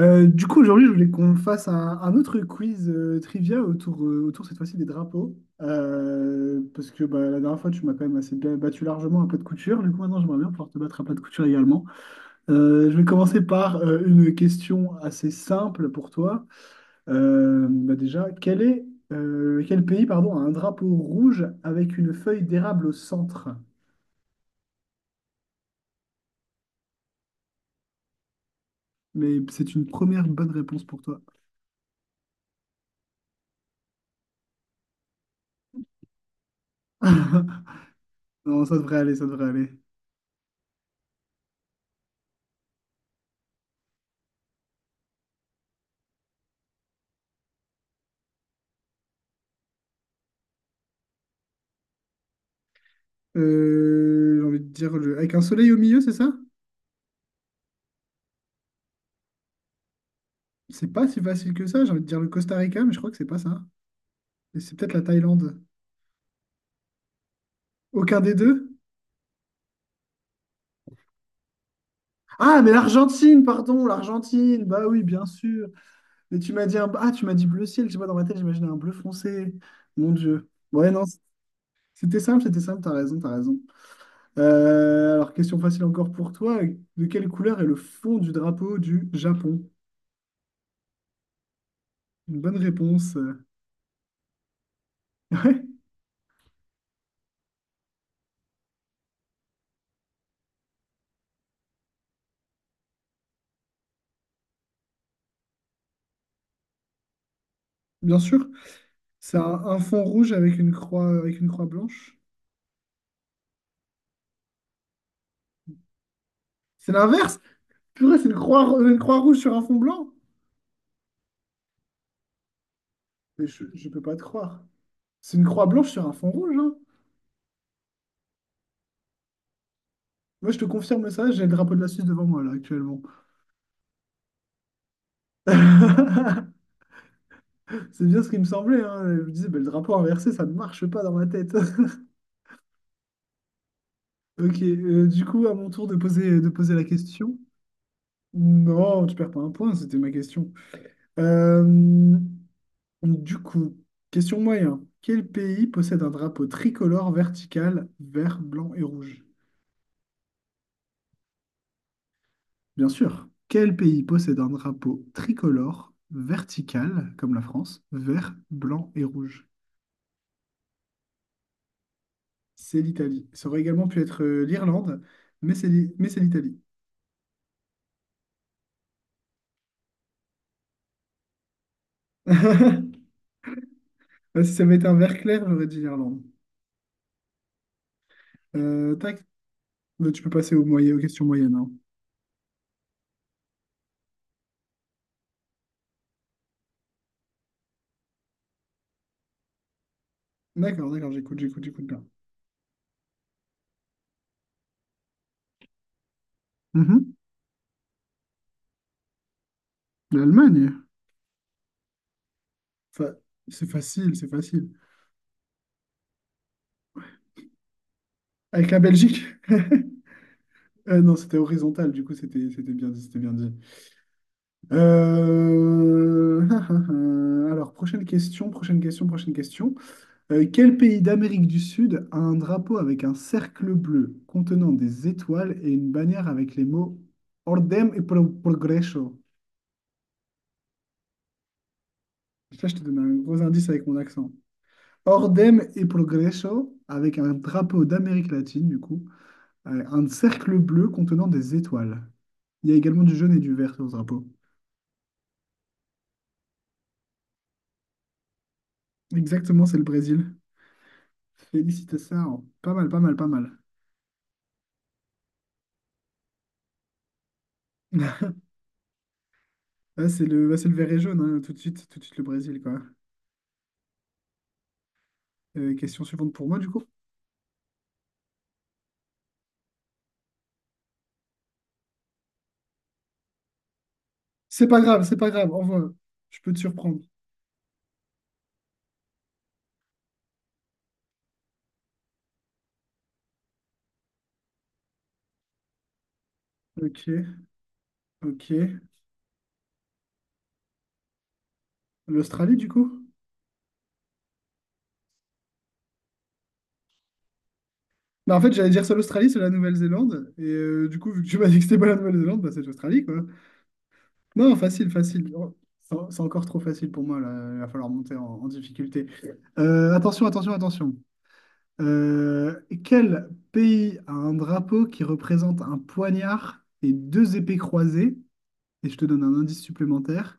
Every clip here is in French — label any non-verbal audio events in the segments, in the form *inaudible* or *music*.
Du coup, aujourd'hui, je voulais qu'on fasse un autre quiz trivia autour cette fois-ci des drapeaux. Parce que bah, la dernière fois, tu m'as quand même assez bien battu largement à plat de couture. Du coup, maintenant, j'aimerais bien pouvoir te battre à plat de couture également. Je vais commencer par une question assez simple pour toi. Bah, déjà, quel pays, pardon, a un drapeau rouge avec une feuille d'érable au centre? Mais c'est une première bonne réponse pour toi. *laughs* Non, ça devrait aller, ça devrait aller. J'ai envie de dire le, avec un soleil au milieu, c'est ça? C'est pas si facile que ça. J'ai envie de dire le Costa Rica, mais je crois que c'est pas ça. Et c'est peut-être la Thaïlande. Aucun des deux? Ah, mais l'Argentine, pardon, l'Argentine. Bah oui, bien sûr. Mais tu m'as dit bleu ciel. Je sais pas, dans ma tête, j'imaginais un bleu foncé. Mon Dieu. Ouais, non, c'était simple, c'était simple. T'as raison, t'as raison. Alors, question facile encore pour toi. De quelle couleur est le fond du drapeau du Japon? Une bonne réponse. *laughs* Ouais, bien sûr. C'est un fond rouge avec une croix blanche. C'est l'inverse. Purée, c'est une croix rouge sur un fond blanc. Mais je peux pas te croire. C'est une croix blanche sur un fond rouge, hein. Moi, je te confirme ça, j'ai le drapeau de la Suisse devant moi, là, actuellement. *laughs* C'est bien ce qui me semblait, hein. Je me disais, bah, le drapeau inversé, ça ne marche pas dans ma tête. *laughs* Ok, du coup, à mon tour de poser la question. Non, tu perds pas un point, c'était ma question. Euh, Du coup, question moyen. Quel pays possède un drapeau tricolore vertical vert, blanc et rouge? Bien sûr. Quel pays possède un drapeau tricolore vertical, comme la France, vert, blanc et rouge? C'est l'Italie. Ça aurait également pu être l'Irlande, mais c'est l'Italie. *laughs* Si ça avait été un vert clair, j'aurais dit l'Irlande. Euh, tac, Mais tu peux passer aux questions moyennes, hein. D'accord, d'accord, j'écoute, j'écoute, j'écoute bien. Mhm. L'Allemagne. Fa- c'est facile, c'est facile. Avec la Belgique. Ah non, c'était horizontal, du coup, c'était bien dit, c'était bien dit. Euh, *laughs* Alors, prochaine question, prochaine question, prochaine question. Quel pays d'Amérique du Sud a un drapeau avec un cercle bleu contenant des étoiles et une bannière avec les mots Ordem et Progreso? Ça, je te donne un gros indice avec mon accent. Ordem et Progreso, avec un drapeau d'Amérique latine, du coup, un cercle bleu contenant des étoiles. Il y a également du jaune et du vert sur le drapeau. Exactement, c'est le Brésil. Félicitations. Pas mal, pas mal, pas mal. *laughs* Ah, bah, c'est le vert et jaune, hein, tout de suite le Brésil, quoi. Question suivante pour moi, du coup. C'est pas grave, envoie. Je peux te surprendre. Ok, ok. L'Australie, du coup? Bah, en fait, j'allais dire soit l'Australie, soit la Nouvelle-Zélande. Et du coup, vu que tu m'as dit que c'était pas la Nouvelle-Zélande, bah, c'est l'Australie, quoi. Non, facile, facile. Oh, c'est encore trop facile pour moi, là. Il va falloir monter en difficulté. Attention, attention, attention. Euh, Quel pays a un drapeau qui représente un poignard et deux épées croisées? Et je te donne un indice supplémentaire.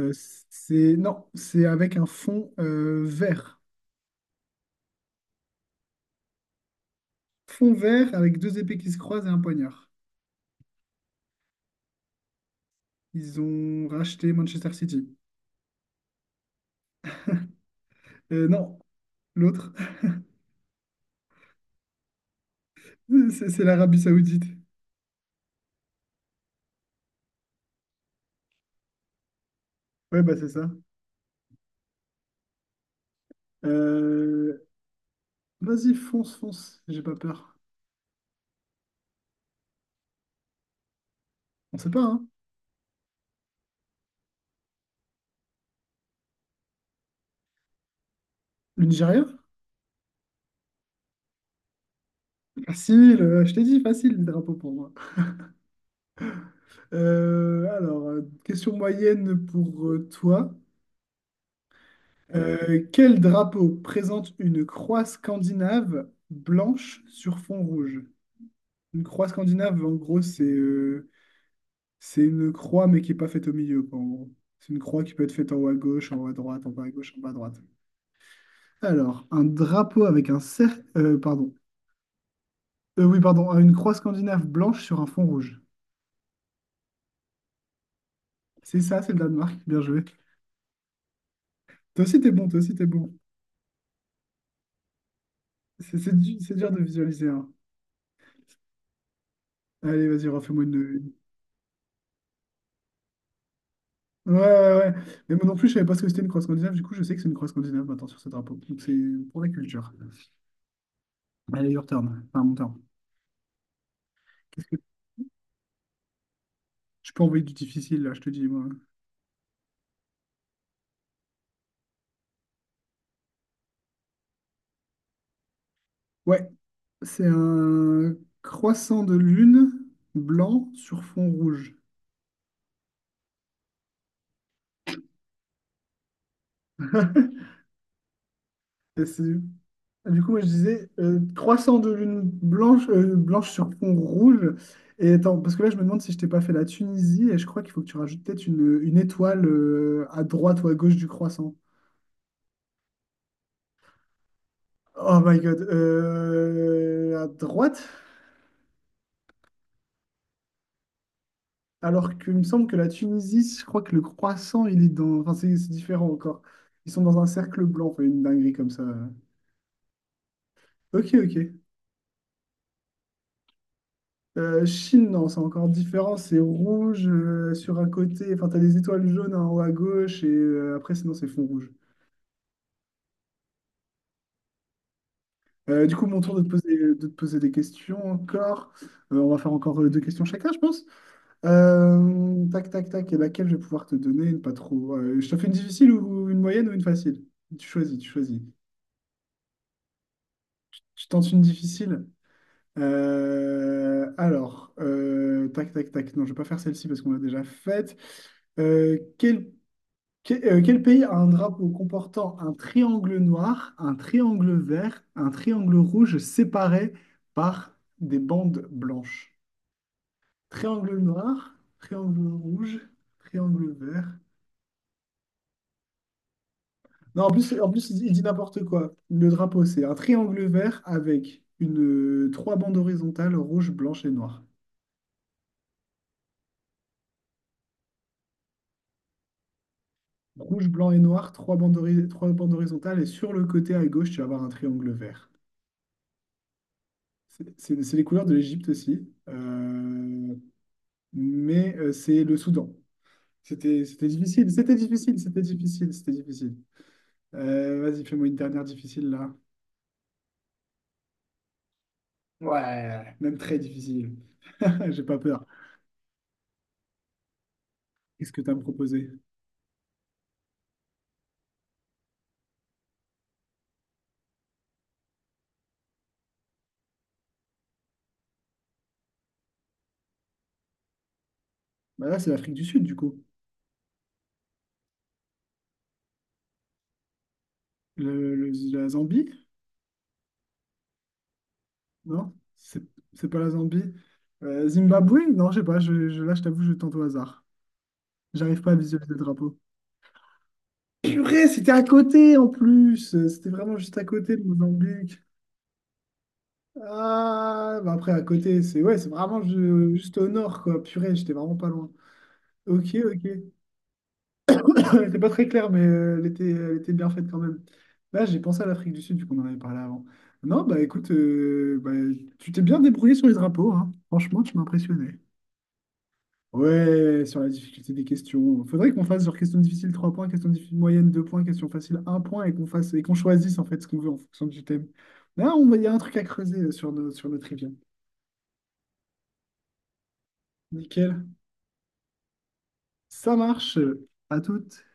Euh, c'est Non, c'est avec un fond vert. Fond vert avec deux épées qui se croisent et un poignard. Ils ont racheté Manchester City. Non, l'autre, *laughs* c'est l'Arabie Saoudite. Ouais, bah c'est ça. Euh, Vas-y, fonce, fonce. J'ai pas peur. On sait pas, hein. Le Nigeria? Facile, je t'ai dit, facile le drapeau pour moi. Alors, question moyenne pour toi. Quel drapeau présente une croix scandinave blanche sur fond rouge? Une croix scandinave, en gros, c'est une croix, mais qui n'est pas faite au milieu, quoi, en gros. C'est une croix qui peut être faite en haut à gauche, en haut à droite, en bas à gauche, en bas à droite. Alors, un drapeau avec un cercle, pardon. Oui, pardon, une croix scandinave blanche sur un fond rouge. C'est ça, c'est le Danemark. Bien joué. Toi aussi, t'es bon, toi aussi, t'es bon. C'est dur de visualiser, hein. Allez, vas-y, refais-moi une. Ouais, ouais, ouais. Mais moi non plus, je savais pas ce que c'était une croix scandinave. Du coup, je sais que c'est une croix scandinave maintenant sur ce drapeau. Donc, c'est pour la culture. Allez, your turn. Enfin, mon turn. Qu'est-ce que. Je peux envoyer du difficile, là, je te dis, moi. Ouais, c'est un croissant de lune blanc sur fond rouge. Et c'est-. Du coup, moi, je disais croissant de lune blanche sur fond rouge. Et attends, parce que là, je me demande si je t'ai pas fait la Tunisie. Et je crois qu'il faut que tu rajoutes peut-être une étoile à droite ou à gauche du croissant. Oh my God. À droite, alors qu'il me semble que la Tunisie, je crois que le croissant, il est dans. Enfin, c'est différent encore. Ils sont dans un cercle blanc, enfin, une dinguerie comme ça. Ok, ok. Chine, non, c'est encore différent. C'est rouge sur un côté. Enfin, t'as des étoiles jaunes en haut à gauche et après, sinon, c'est fond rouge. Du coup, mon tour de te poser des questions encore. On va faire encore deux questions chacun, je pense. Tac, tac, tac. Et laquelle je vais pouvoir te donner? Une pas trop. Je te fais une difficile ou une moyenne ou une facile? Tu choisis, tu choisis. Je tente une difficile. Alors, tac, tac, tac. Non, je vais pas faire celle-ci parce qu'on l'a déjà faite. Euh, quel, Quel pays a un drapeau comportant un triangle noir, un triangle vert, un triangle rouge séparés par des bandes blanches? Triangle noir, triangle rouge, triangle vert. Non, en plus, il dit n'importe quoi. Le drapeau, c'est un triangle vert avec trois bandes horizontales, rouge, blanche et noire. Rouge, blanc et noir, trois bandes horizontales, et sur le côté à gauche, tu vas avoir un triangle vert. C'est les couleurs de l'Égypte aussi, mais c'est le Soudan. C'était difficile, c'était difficile, c'était difficile, c'était difficile. Vas-y, fais-moi une dernière difficile là. Ouais, même très difficile. *laughs* J'ai pas peur. Qu'est-ce que tu as me proposé? Bah là, c'est l'Afrique du Sud, du coup. Le, le- la Zambie? Non? C'est pas la Zambie. Zimbabwe? Non, je sais pas. Là, je t'avoue, je tente au hasard. J'arrive pas à visualiser le drapeau. Purée, c'était à côté en plus. C'était vraiment juste à côté de Mozambique. Ah, bah après, à côté, c'est ouais, c'est vraiment juste au nord, quoi. Purée, j'étais vraiment pas loin. Ok, ok. *coughs* *laughs* Elle était pas très claire, mais elle était bien faite quand même. Là, j'ai pensé à l'Afrique du Sud, vu qu'on en avait parlé avant. Non, bah écoute, bah, tu t'es bien débrouillé sur les drapeaux, hein. Franchement, tu m'as impressionné. Ouais, sur la difficulté des questions. Faudrait qu'on fasse genre question difficile 3 points, question difficile moyenne 2 points, question facile un point et qu'on choisisse en fait ce qu'on veut en fonction du thème. Là, il y a un truc à creuser sur notre trivia. Nickel. Ça marche. À toutes.